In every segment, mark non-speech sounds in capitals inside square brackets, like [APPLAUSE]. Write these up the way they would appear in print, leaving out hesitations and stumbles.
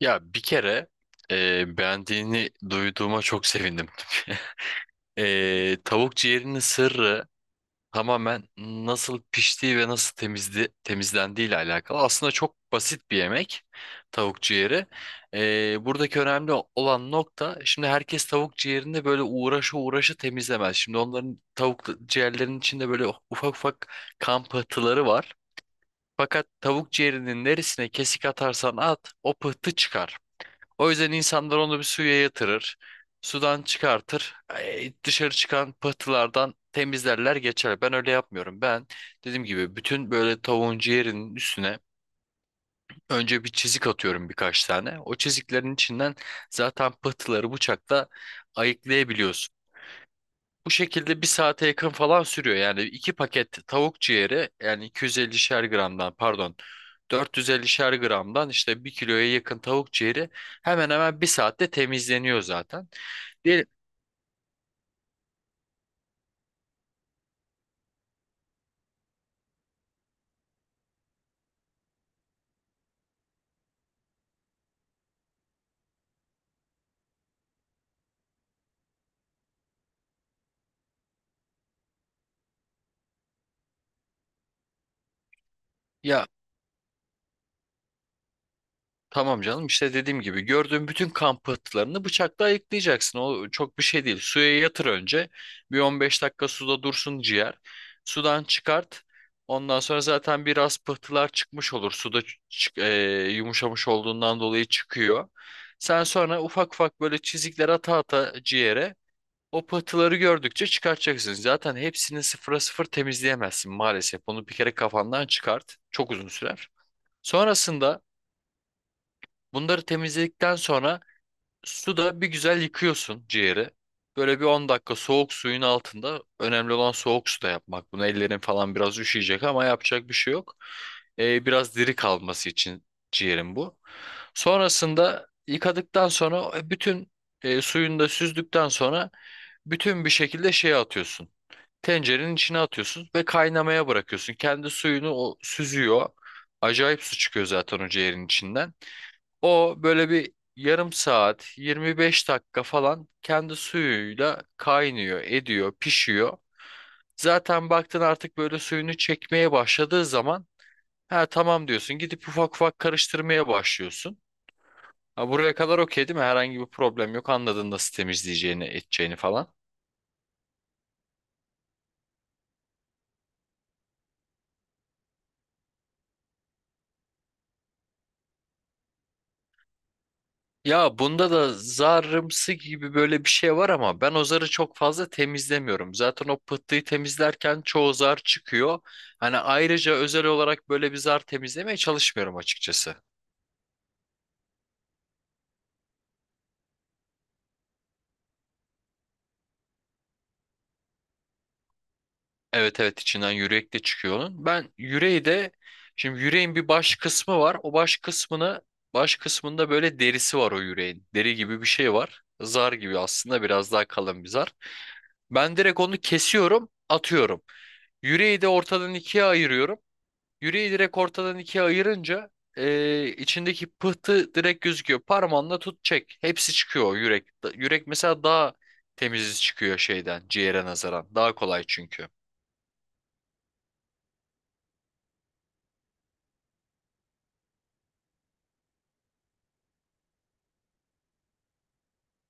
Ya bir kere beğendiğini duyduğuma çok sevindim. [LAUGHS] Tavuk ciğerinin sırrı tamamen nasıl piştiği ve nasıl temizlendiği ile alakalı. Aslında çok basit bir yemek, tavuk ciğeri. Buradaki önemli olan nokta, şimdi herkes tavuk ciğerini böyle uğraşı uğraşı temizlemez. Şimdi onların tavuk ciğerlerinin içinde böyle ufak ufak kan pıhtıları var. Fakat tavuk ciğerinin neresine kesik atarsan at, o pıhtı çıkar. O yüzden insanlar onu bir suya yatırır. Sudan çıkartır. Dışarı çıkan pıhtılardan temizlerler, geçer. Ben öyle yapmıyorum. Ben dediğim gibi bütün böyle tavuğun ciğerinin üstüne önce bir çizik atıyorum, birkaç tane. O çiziklerin içinden zaten pıhtıları bıçakla ayıklayabiliyorsun. Bu şekilde bir saate yakın falan sürüyor. Yani iki paket tavuk ciğeri, yani 250'şer gramdan, pardon, 450'şer gramdan, işte bir kiloya yakın tavuk ciğeri hemen hemen bir saatte temizleniyor zaten. Diyelim, ya tamam canım, işte dediğim gibi gördüğün bütün kan pıhtılarını bıçakla ayıklayacaksın. O çok bir şey değil. Suya yatır önce. Bir 15 dakika suda dursun ciğer. Sudan çıkart. Ondan sonra zaten biraz pıhtılar çıkmış olur. Suda yumuşamış olduğundan dolayı çıkıyor. Sen sonra ufak ufak böyle çizikler ata ata ciğere o pıhtıları gördükçe çıkartacaksın. Zaten hepsini sıfıra sıfır temizleyemezsin maalesef. Bunu bir kere kafandan çıkart. Çok uzun sürer. Sonrasında bunları temizledikten sonra suda bir güzel yıkıyorsun ciğeri. Böyle bir 10 dakika soğuk suyun altında. Önemli olan soğuk suda yapmak. Bunu ellerin falan biraz üşüyecek ama yapacak bir şey yok. Biraz diri kalması için ciğerin bu. Sonrasında yıkadıktan sonra bütün suyunu da süzdükten sonra bütün bir şekilde şeye atıyorsun. Tencerenin içine atıyorsun ve kaynamaya bırakıyorsun. Kendi suyunu o süzüyor. Acayip su çıkıyor zaten o ciğerin içinden. O böyle bir yarım saat, 25 dakika falan kendi suyuyla kaynıyor, ediyor, pişiyor. Zaten baktın artık böyle suyunu çekmeye başladığı zaman, ha tamam, diyorsun. Gidip ufak ufak karıştırmaya başlıyorsun. Ha, buraya kadar okey değil mi? Herhangi bir problem yok. Anladın nasıl temizleyeceğini, edeceğini falan. Ya bunda da zarımsı gibi böyle bir şey var ama ben o zarı çok fazla temizlemiyorum. Zaten o pıhtıyı temizlerken çoğu zar çıkıyor. Hani ayrıca özel olarak böyle bir zar temizlemeye çalışmıyorum açıkçası. Evet evet, içinden yürek de çıkıyor onun. Ben yüreği de, şimdi yüreğin bir baş kısmı var. O baş kısmını, baş kısmında böyle derisi var o yüreğin. Deri gibi bir şey var. Zar gibi, aslında biraz daha kalın bir zar. Ben direkt onu kesiyorum, atıyorum. Yüreği de ortadan ikiye ayırıyorum. Yüreği direkt ortadan ikiye ayırınca içindeki pıhtı direkt gözüküyor. Parmağınla tut, çek. Hepsi çıkıyor o yürek. Yürek mesela daha temiz çıkıyor şeyden, ciğere nazaran. Daha kolay çünkü.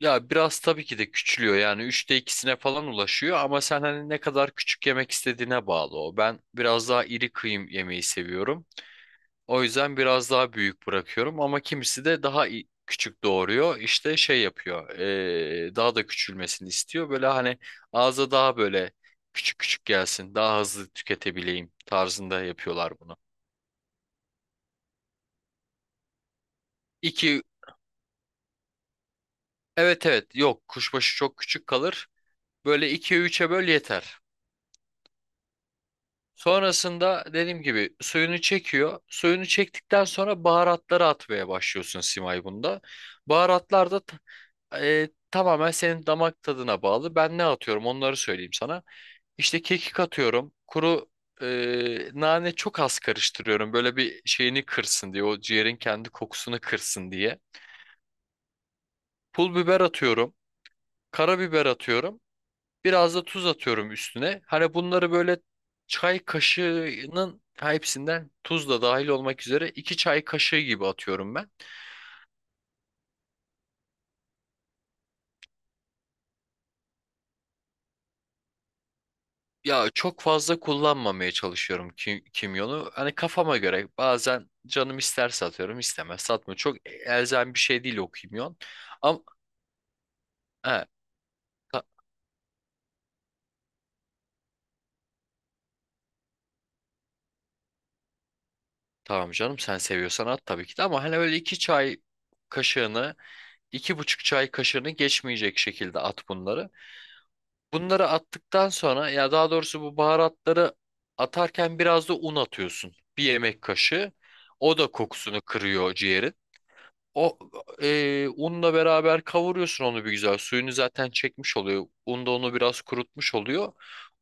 Ya biraz tabii ki de küçülüyor yani üçte ikisine falan ulaşıyor ama sen hani ne kadar küçük yemek istediğine bağlı o. Ben biraz daha iri kıyım yemeyi seviyorum. O yüzden biraz daha büyük bırakıyorum ama kimisi de daha küçük doğuruyor. İşte şey yapıyor. Daha da küçülmesini istiyor. Böyle hani ağza daha böyle küçük küçük gelsin. Daha hızlı tüketebileyim tarzında yapıyorlar bunu. 2, evet evet, yok kuşbaşı çok küçük kalır. Böyle 2'ye üç'e böl, yeter. Sonrasında dediğim gibi suyunu çekiyor. Suyunu çektikten sonra baharatları atmaya başlıyorsun Simay, bunda. Baharatlar da tamamen senin damak tadına bağlı. Ben ne atıyorum onları söyleyeyim sana. İşte kekik atıyorum. Kuru nane çok az karıştırıyorum. Böyle bir şeyini kırsın diye. O ciğerin kendi kokusunu kırsın diye. Pul biber atıyorum. Karabiber atıyorum. Biraz da tuz atıyorum üstüne. Hani bunları böyle çay kaşığının hepsinden, tuz da dahil olmak üzere, 2 çay kaşığı gibi atıyorum ben. Ya çok fazla kullanmamaya çalışıyorum kimyonu. Hani kafama göre bazen canım isterse atıyorum, istemez satmıyor. Çok elzem bir şey değil o kimyon. Ama he, ta- tamam canım, sen seviyorsan at tabii ki de ama hani öyle iki çay kaşığını, iki buçuk çay kaşığını geçmeyecek şekilde at bunları. Bunları attıktan sonra, ya daha doğrusu bu baharatları atarken biraz da un atıyorsun. Bir yemek kaşığı. O da kokusunu kırıyor ciğerin. O unla beraber kavuruyorsun onu bir güzel. Suyunu zaten çekmiş oluyor. Un da onu biraz kurutmuş oluyor.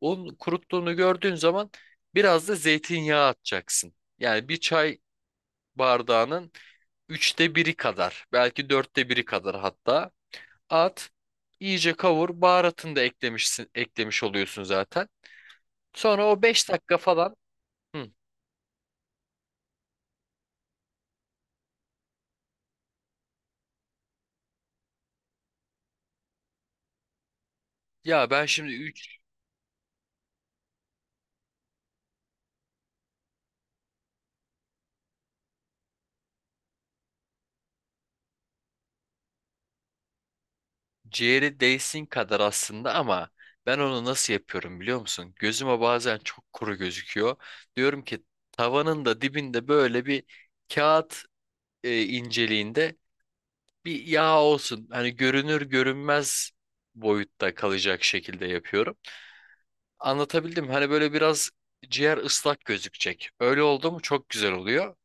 Un kuruttuğunu gördüğün zaman biraz da zeytinyağı atacaksın. Yani bir çay bardağının üçte biri kadar, belki dörtte biri kadar hatta, at, iyice kavur. Baharatını da eklemişsin, eklemiş oluyorsun zaten. Sonra o 5 dakika falan. Hı. Ya ben şimdi ciğeri değsin kadar aslında ama ben onu nasıl yapıyorum biliyor musun? Gözüme bazen çok kuru gözüküyor. Diyorum ki, tavanın da dibinde böyle bir kağıt inceliğinde bir yağ olsun. Hani görünür görünmez boyutta kalacak şekilde yapıyorum. Anlatabildim. Hani böyle biraz ciğer ıslak gözükecek. Öyle oldu mu çok güzel oluyor.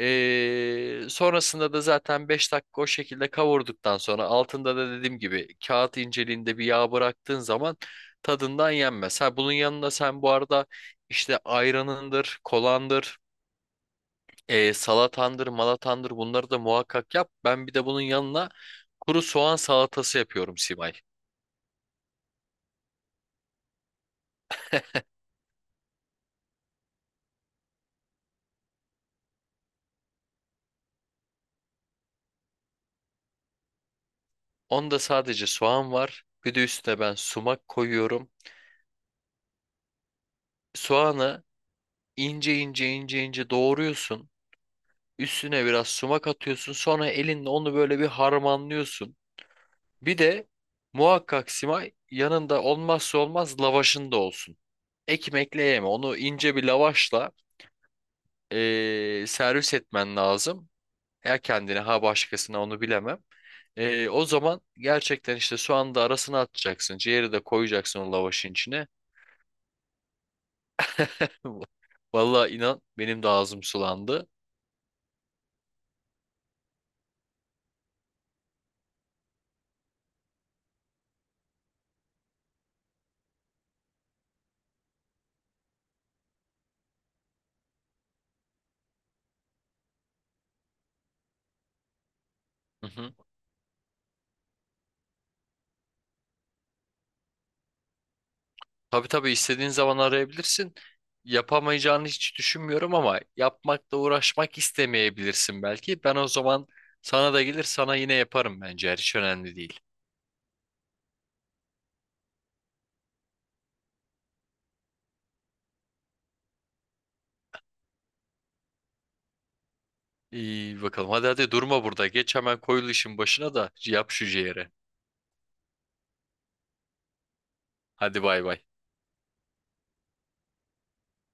Sonrasında da zaten 5 dakika o şekilde kavurduktan sonra altında da dediğim gibi kağıt inceliğinde bir yağ bıraktığın zaman tadından yenmez. Ha, bunun yanında sen bu arada işte ayranındır, kolandır, salatandır, malatandır, bunları da muhakkak yap. Ben bir de bunun yanına kuru soğan salatası yapıyorum, Simay. Onda sadece soğan var. Bir de üstüne ben sumak koyuyorum. Soğanı ince ince ince ince doğruyorsun. Üstüne biraz sumak atıyorsun. Sonra elinle onu böyle bir harmanlıyorsun. Bir de muhakkak, Simay, yanında olmazsa olmaz lavaşın da olsun. Ekmekle yeme. Onu ince bir lavaşla servis etmen lazım. Ya kendine, ha başkasına, onu bilemem. O zaman gerçekten işte soğanı da arasına atacaksın. Ciğeri de koyacaksın o lavaşın içine. [LAUGHS] Vallahi inan benim de ağzım sulandı. Hı hı. Tabii tabii, istediğin zaman arayabilirsin. Yapamayacağını hiç düşünmüyorum ama yapmakla uğraşmak istemeyebilirsin belki. Ben o zaman sana da gelir, sana yine yaparım bence. Hiç önemli değil. İyi bakalım. Hadi hadi, durma burada. Geç hemen koyul işin başına da yap şu ciğeri. Hadi, bay bay.